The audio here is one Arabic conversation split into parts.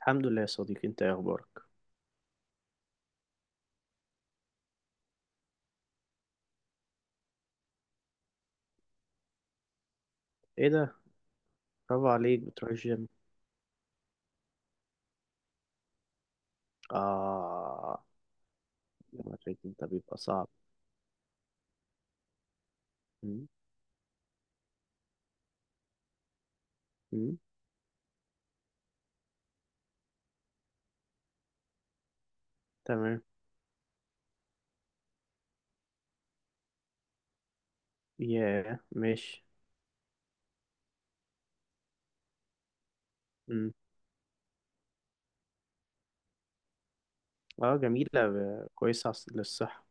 الحمد لله يا صديقي، انت ايه اخبارك؟ ايه ده؟ برافو عليك بتروح الجيم. اه، الريتم ده بيبقى صعب. مم. مم. تمام. ياه، ماشي. مم. اه، جميلة كويسة للصحة.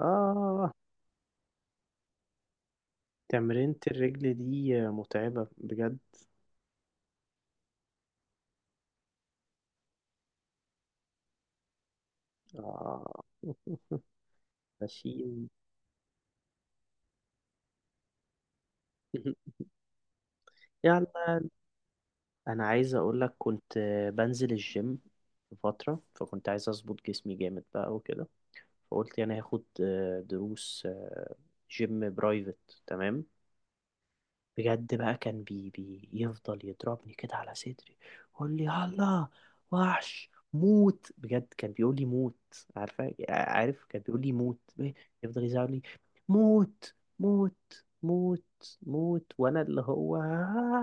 اه، تمرينة الرجل دي متعبة بجد. اه. ماشيين. يعني انا عايز اقول لك، كنت بنزل الجيم في فترة، فكنت عايز اظبط جسمي جامد بقى وكده. فقلت يعني هاخد دروس جيم برايفت. تمام. بجد بقى كان بي يفضل يضربني كده على صدري، يقول لي يلا وحش موت. بجد كان بيقول لي موت. عارف كان بيقول لي موت. يفضل يزعل لي، موت موت موت موت، وانا اللي هو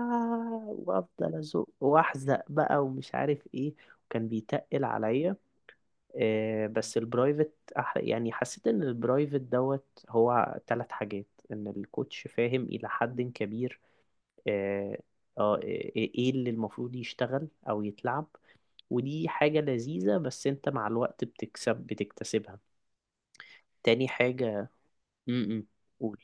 وافضل ازق واحزق بقى ومش عارف ايه. وكان بيتقل عليا. بس البرايفت يعني حسيت ان البرايفت دوت هو ثلاث حاجات. ان الكوتش فاهم الى حد كبير. آه، إيه اللي المفروض يشتغل او يتلعب. ودي حاجة لذيذة بس انت مع الوقت بتكتسبها. تاني حاجة. امم. قول.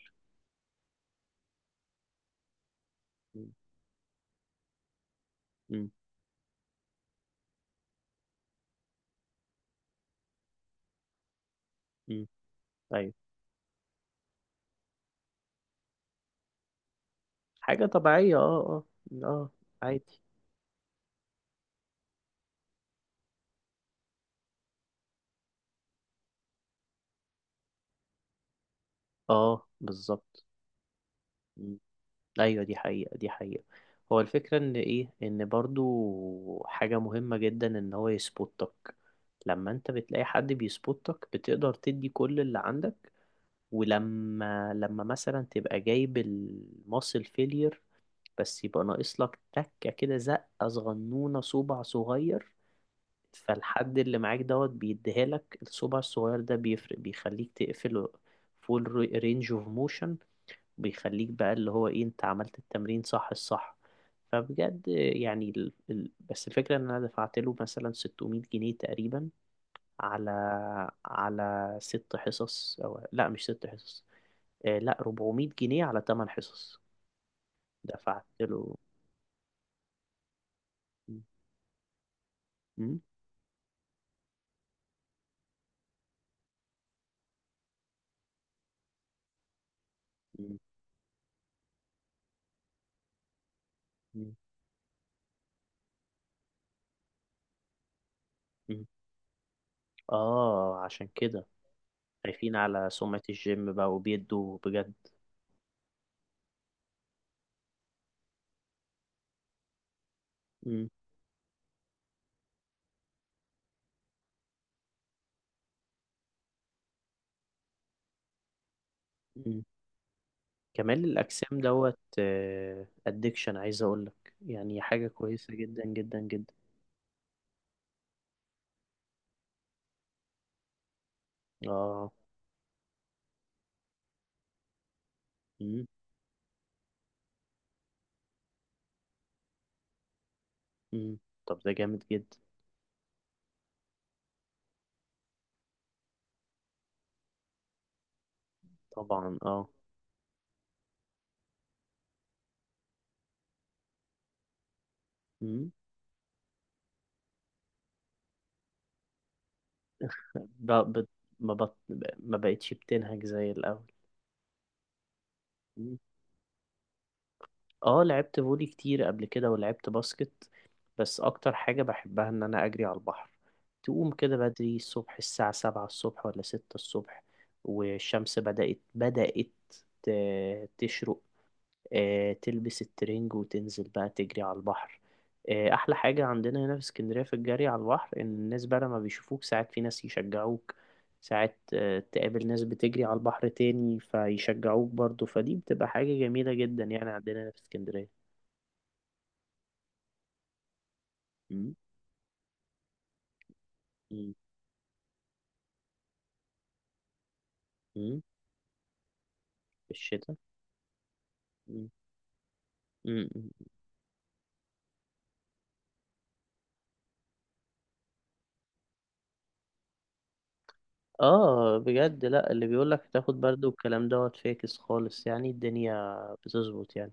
امم. ايوه. حاجة طبيعية. اه. اه. اه، عادي. اه، بالظبط. ايوه، دي حقيقة، دي حقيقة. هو الفكرة ان ايه، ان برضو حاجة مهمة جدا ان هو يسبوتك. لما انت بتلاقي حد بيسبوتك بتقدر تدي كل اللي عندك. ولما مثلا تبقى جايب الماسل فيلير، بس يبقى ناقص لك تكة كده، زقة صغنونة، صبع صغير. فالحد اللي معاك دوت بيديها لك، الصبع الصغير ده بيفرق، بيخليك تقفل فول رينج اوف موشن. بيخليك بقى اللي هو ايه، انت عملت التمرين الصح. فبجد يعني بس الفكرة ان انا دفعت له مثلا 600 جنيه تقريبا، على ست حصص، او لا، مش ست حصص. آه لا، 400 جنيه على 8 حصص. دفعت له. م- م- م- م- اه، عشان كده خايفين على سمعة الجيم بقى وبيدوا بجد. م- م. كمال الأجسام دوت أدكشن، عايز أقولك يعني حاجة كويسة جدا جدا جدا. اه. مم. مم. طب ده جامد جدا. طبعا اه. مم. ب... ب... ما بط... ما بقتش بتنهج زي الأول. مم. اه، لعبت فولي كتير قبل كده، ولعبت باسكت. بس أكتر حاجة بحبها إن أنا أجري على البحر. تقوم كده بدري الصبح، الساعة 7 الصبح ولا 6 الصبح، والشمس بدأت تشرق. تلبس الترنج وتنزل بقى تجري على البحر. احلى حاجة عندنا هنا في اسكندرية في الجري على البحر، ان الناس بقى لما بيشوفوك ساعات في ناس يشجعوك، ساعات تقابل ناس بتجري على البحر تاني فيشجعوك برضو. فدي بتبقى حاجة جميلة جدا يعني، عندنا هنا في اسكندرية. مم، مم، مم، في الشتاء. مم، مم، مم. اه، بجد. لا، اللي بيقولك تاخد برد والكلام دوت فاكس خالص، يعني الدنيا بتظبط يعني.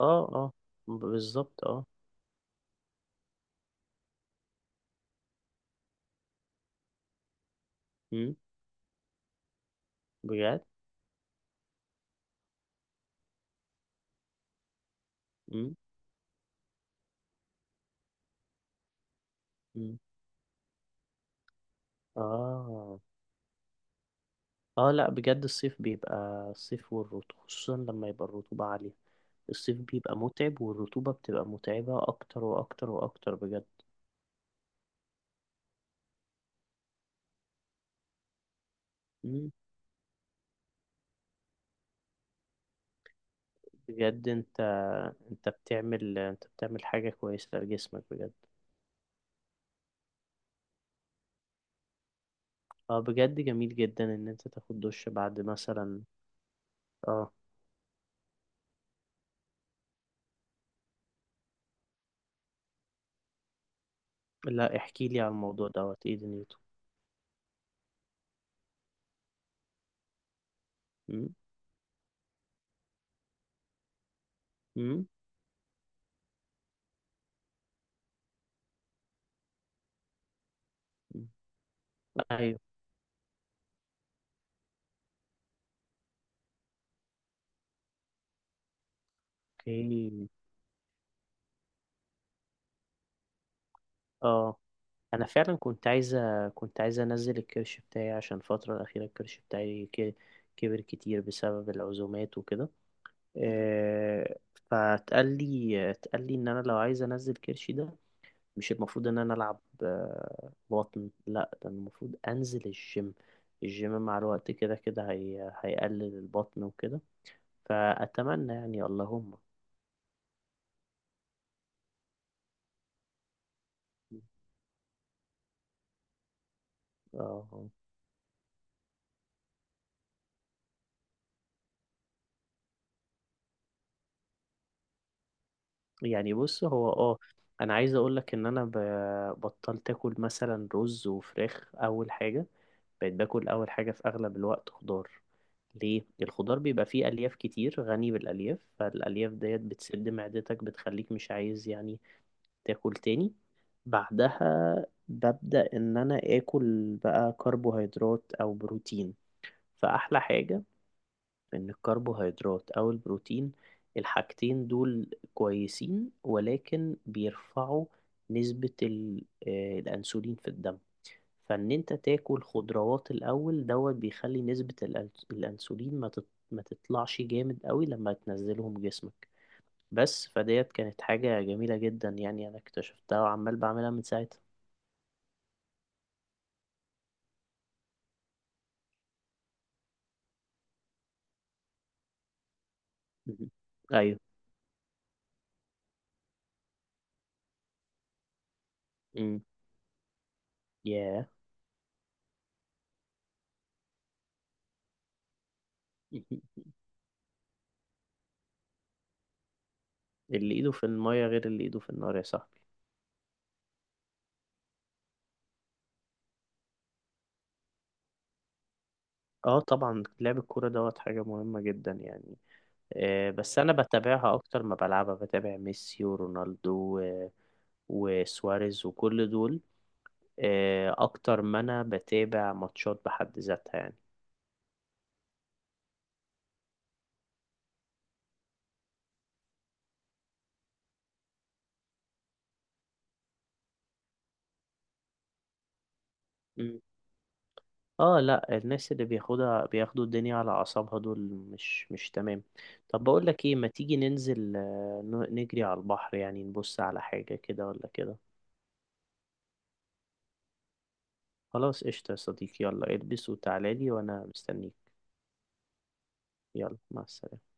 اه، اه، بالظبط اه. مم، بجد. مم. اه، اه، لا، بجد الصيف بيبقى، الصيف والرطوبة، خصوصا لما يبقى الرطوبة عالية. الصيف بيبقى متعب، والرطوبة بتبقى متعبة اكتر واكتر واكتر بجد. مم. بجد انت، انت بتعمل حاجة كويسة لجسمك بجد. اه، بجد جميل جدا ان انت تاخد دش بعد مثلا. اه، لا، احكي لي على الموضوع دوت، ايه دنيته. مم. مم. مم. ايوه. اوكي. اه، انا فعلا كنت عايزه انزل الكرش بتاعي، عشان الفتره الاخيره الكرش بتاعي كبر كتير بسبب العزومات وكده. آه، فتقال لي اتقال لي ان انا لو عايز انزل كرشي ده، مش المفروض ان انا العب بطن، لا ده المفروض انزل الجيم. الجيم مع الوقت كده كده هيقلل البطن وكده. فاتمنى يعني اللهم. اه، يعني بص هو اه، انا عايز اقول لك ان انا بطلت اكل مثلا رز وفراخ اول حاجه. بقيت باكل اول حاجه في اغلب الوقت خضار. ليه؟ الخضار بيبقى فيه الياف كتير، غني بالالياف. فالالياف ديت بتسد معدتك، بتخليك مش عايز يعني تاكل تاني. بعدها ببدا ان انا اكل بقى كربوهيدرات او بروتين. فاحلى حاجه ان الكربوهيدرات او البروتين، الحاجتين دول كويسين، ولكن بيرفعوا نسبة الانسولين في الدم. فان انت تاكل خضروات الاول دوت بيخلي نسبة الانسولين ما تطلعش جامد قوي لما تنزلهم جسمك. بس فديت كانت حاجة جميلة جدا يعني، انا اكتشفتها وعمال بعملها من ساعتها. مهم. ايوه. امم. ياه. مهم. اللي ايده في المية غير اللي ايده في النار يا صاحبي. اه، طبعا لعب الكورة دوت حاجة مهمة جدا يعني. بس انا بتابعها اكتر ما بلعبها، بتابع ميسي ورونالدو وسواريز وكل دول. اكتر ما انا بتابع ماتشات بحد ذاتها يعني. مم. اه، لا، الناس اللي بياخدوا الدنيا على اعصابها دول مش تمام. طب بقول لك ايه، ما تيجي ننزل نجري على البحر يعني، نبص على حاجة كده ولا كده. خلاص قشطة يا صديقي، يلا البس وتعالى لي وانا مستنيك. يلا مع السلامة.